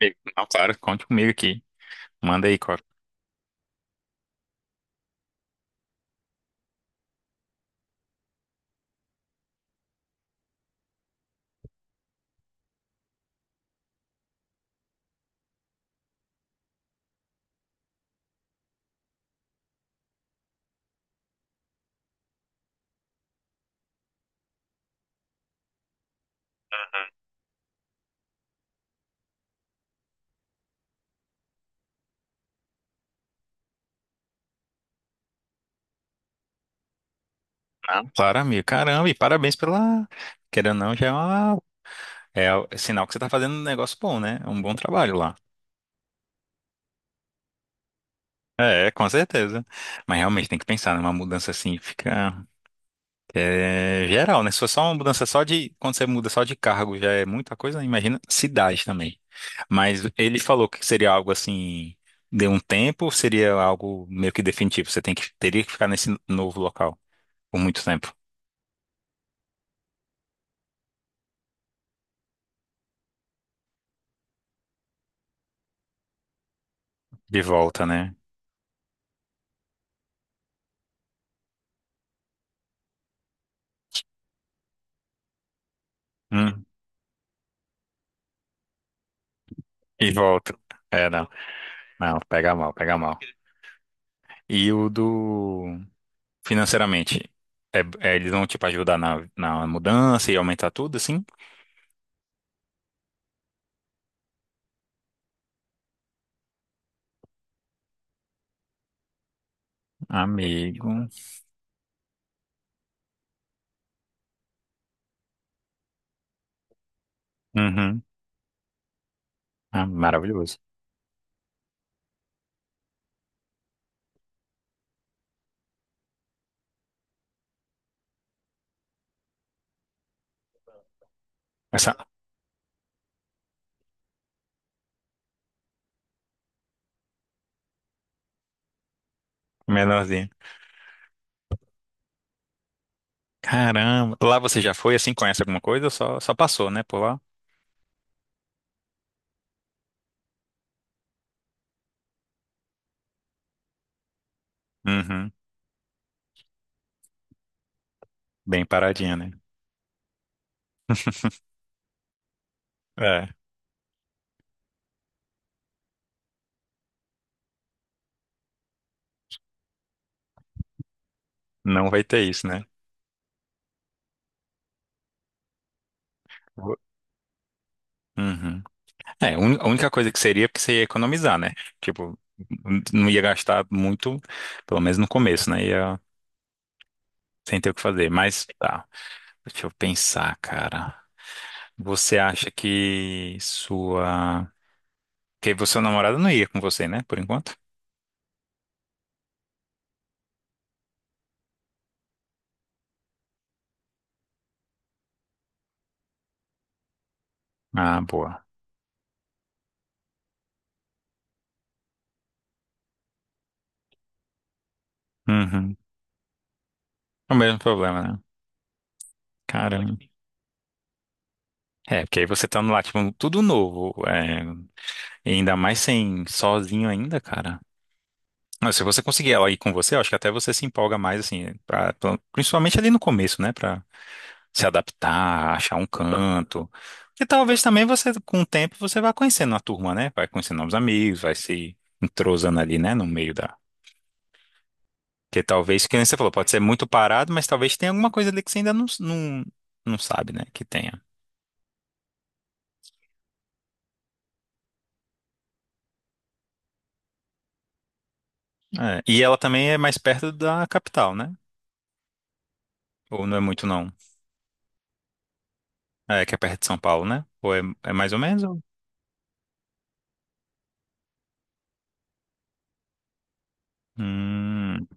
Amigo. Não, claro, conte comigo aqui. Manda aí, Cora. Não, claro, amigo. Caramba, e parabéns pela. Querendo ou não, já é, uma... é sinal que você tá fazendo um negócio bom, né? É um bom trabalho lá. É, com certeza. Mas realmente tem que pensar numa mudança assim, fica é, geral, né? Se for só uma mudança só de. Quando você muda só de cargo, já é muita coisa, né? Imagina cidade também. Mas ele falou que seria algo assim, de um tempo, ou seria algo meio que definitivo. Você tem que, teria que ficar nesse novo local por muito tempo. De volta, né? Hum, e volto. É, não. Não, pega mal, pega mal. E o do. Financeiramente, é, eles vão, tipo, ajudar na, na mudança e aumentar tudo, assim? Amigo. Uhum. Ah, maravilhoso. Essa menorzinha. Caramba. Lá você já foi, assim, conhece alguma coisa? Só, só passou, né, por lá? Uhum. Bem paradinha, né? É. Não vai ter isso, né? Uhum. É, a única coisa que seria é porque você ia economizar, né? Tipo, não ia gastar muito, pelo menos no começo, né? Ia sem ter o que fazer. Mas, tá, deixa eu pensar, cara. Você acha que sua... Que seu namorado não ia com você, né? Por enquanto? Ah, boa. Uhum. É o mesmo problema, né? Caramba. É, porque aí você tá no lá, tipo, tudo novo. E ainda mais sem sozinho ainda, cara. Não, se você conseguir ela ir com você, eu acho que até você se empolga mais, assim, pra, principalmente ali no começo, né? Pra se adaptar, achar um canto. Porque talvez também você, com o tempo, você vá conhecendo a turma, né? Vai conhecendo novos amigos, vai se entrosando ali, né? No meio da. Porque talvez, que nem você falou, pode ser muito parado, mas talvez tenha alguma coisa ali que você ainda não sabe, né? Que tenha. É, e ela também é mais perto da capital, né? Ou não é muito, não? É, que é perto de São Paulo, né? Ou é, é mais ou menos? Ou. Hum.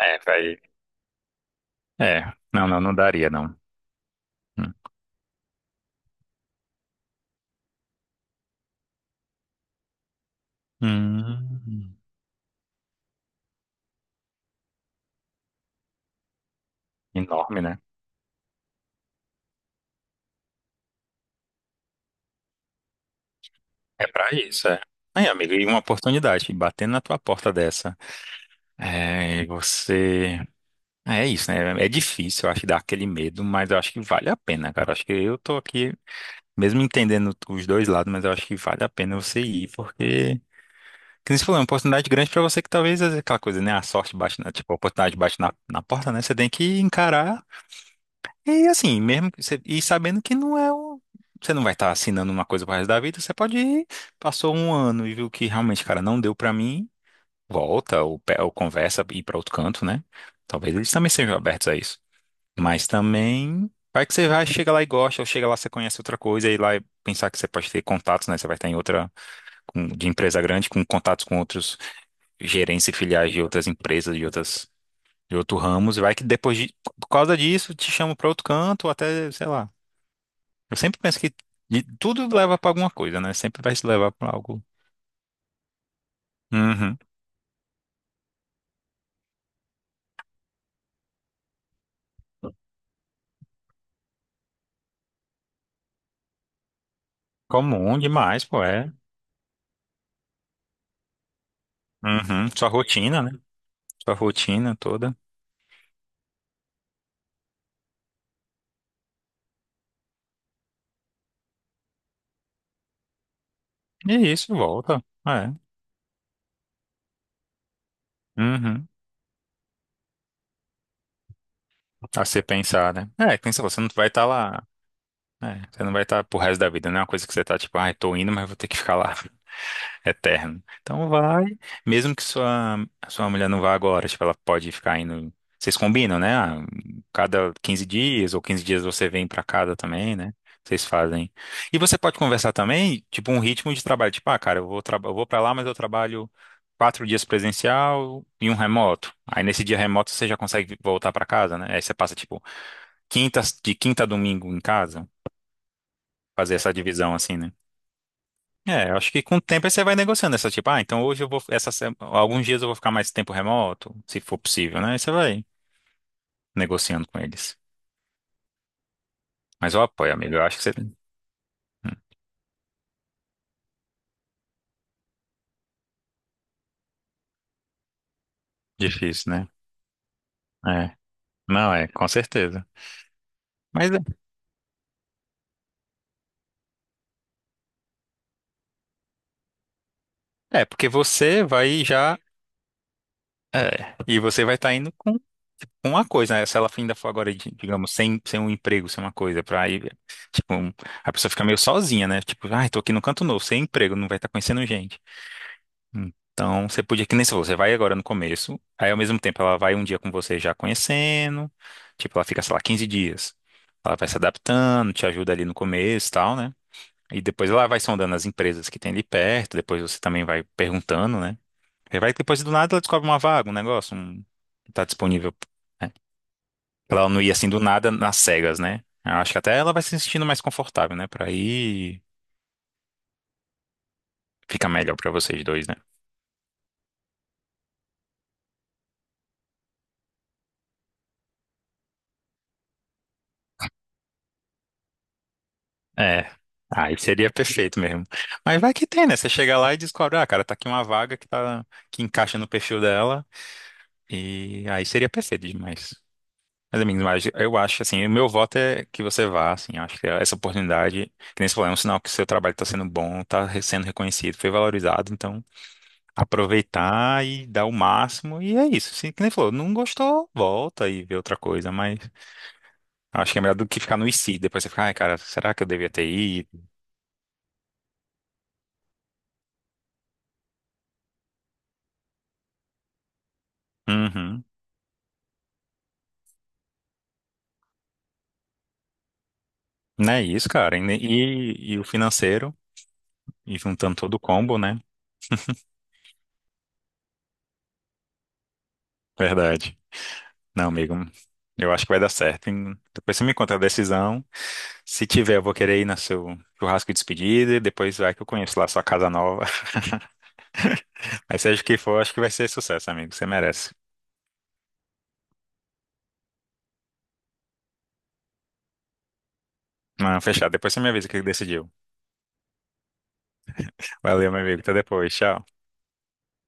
É, vai. É, não daria, não. Hum. Hum, enorme, né? É pra isso, é. Aí, amigo, e uma oportunidade, batendo na tua porta dessa. É, e você. É isso, né? É difícil, eu acho, dar aquele medo, mas eu acho que vale a pena, cara. Eu acho que eu tô aqui, mesmo entendendo os dois lados, mas eu acho que vale a pena você ir, porque. Como você falou, é uma oportunidade grande pra você que talvez é aquela coisa, né? A sorte bate na, tipo, a oportunidade bate na, na porta, né? Você tem que encarar. E assim, mesmo que você, e sabendo que não é o, você não vai estar assinando uma coisa pro resto da vida, você pode ir, passou um ano e viu que realmente, cara, não deu pra mim, volta ou, ou conversa e ir pra outro canto, né? Talvez eles também sejam abertos a isso. Mas também, vai que você vai, chega lá e gosta, ou chega lá você conhece outra coisa e lá e pensar que você pode ter contatos, né? Você vai estar em outra de empresa grande, com contatos com outros gerentes e filiais de outras empresas, de outras de outros ramos, e vai que depois de, por causa disso te chamam pra outro canto, ou até, sei lá, eu sempre penso que tudo leva pra alguma coisa, né? Sempre vai se levar pra algo. Uhum. Comum demais, pô, é. Uhum. Sua rotina, né? Sua rotina toda. E isso volta. É. Uhum. A se pensar, né? É, pensa, você não vai estar lá. É, você não vai estar pro resto da vida, não é uma coisa que você tá tipo, ai, tô indo, mas vou ter que ficar lá. Eterno. Então vai, mesmo que sua, sua mulher não vá agora, tipo, ela pode ficar indo. Vocês combinam, né? Ah, cada 15 dias ou 15 dias você vem pra casa também, né? Vocês fazem. E você pode conversar também, tipo, um ritmo de trabalho. Tipo, ah, cara, eu vou, eu vou para lá, mas eu trabalho 4 dias presencial e um remoto. Aí nesse dia remoto você já consegue voltar pra casa, né? Aí você passa, tipo, quinta, de quinta a domingo em casa, fazer essa divisão assim, né? É, eu acho que com o tempo aí você vai negociando essa, tipo, ah, então hoje eu vou, essa, alguns dias eu vou ficar mais tempo remoto, se for possível, né? Aí você vai negociando com eles. Mas eu apoio, amigo, eu acho que você... Hum. Difícil, né? É, não é, com certeza. Mas é, é, porque você vai já, é, e você vai estar indo com uma coisa, né? Se ela ainda for agora, digamos, sem, sem um emprego, sem uma coisa, pra aí, tipo, um. A pessoa fica meio sozinha, né? Tipo, ai, tô aqui no canto novo, sem emprego, não vai estar conhecendo gente. Então, você podia, que nem se você vai agora no começo, aí ao mesmo tempo ela vai um dia com você já conhecendo, tipo, ela fica, sei lá, 15 dias. Ela vai se adaptando, te ajuda ali no começo e tal, né? E depois ela vai sondando as empresas que tem ali perto, depois você também vai perguntando, né? E vai que depois do nada ela descobre uma vaga, um negócio, um... tá disponível. Né? Pra ela não ir assim do nada nas cegas, né? Eu acho que até ela vai se sentindo mais confortável, né? Pra ir, fica melhor pra vocês dois, né? É. Aí seria perfeito mesmo. Mas vai que tem, né? Você chega lá e descobre, ah, cara, tá aqui uma vaga que tá que encaixa no perfil dela e aí seria perfeito demais. Mas, amigos, mas eu acho assim, o meu voto é que você vá, assim, acho que essa oportunidade, que nem você falou, é um sinal que o seu trabalho está sendo bom, está sendo reconhecido, foi valorizado, então aproveitar e dar o máximo e é isso. Assim, que nem você falou, não gostou, volta e vê outra coisa, mas acho que é melhor do que ficar no IC, depois você fica, ai, cara, será que eu devia ter ido? Uhum. Não é isso, cara. E o financeiro, e juntando todo o combo, né? Verdade. Não, amigo, eu acho que vai dar certo. Hein? Depois você me conta a decisão. Se tiver, eu vou querer ir no seu churrasco de despedida. E depois vai que eu conheço lá a sua casa nova. Aí seja o que for, acho que vai ser sucesso, amigo. Você merece. Não, fechado. Depois você me avisa o que decidiu. Valeu, meu amigo. Até depois. Tchau.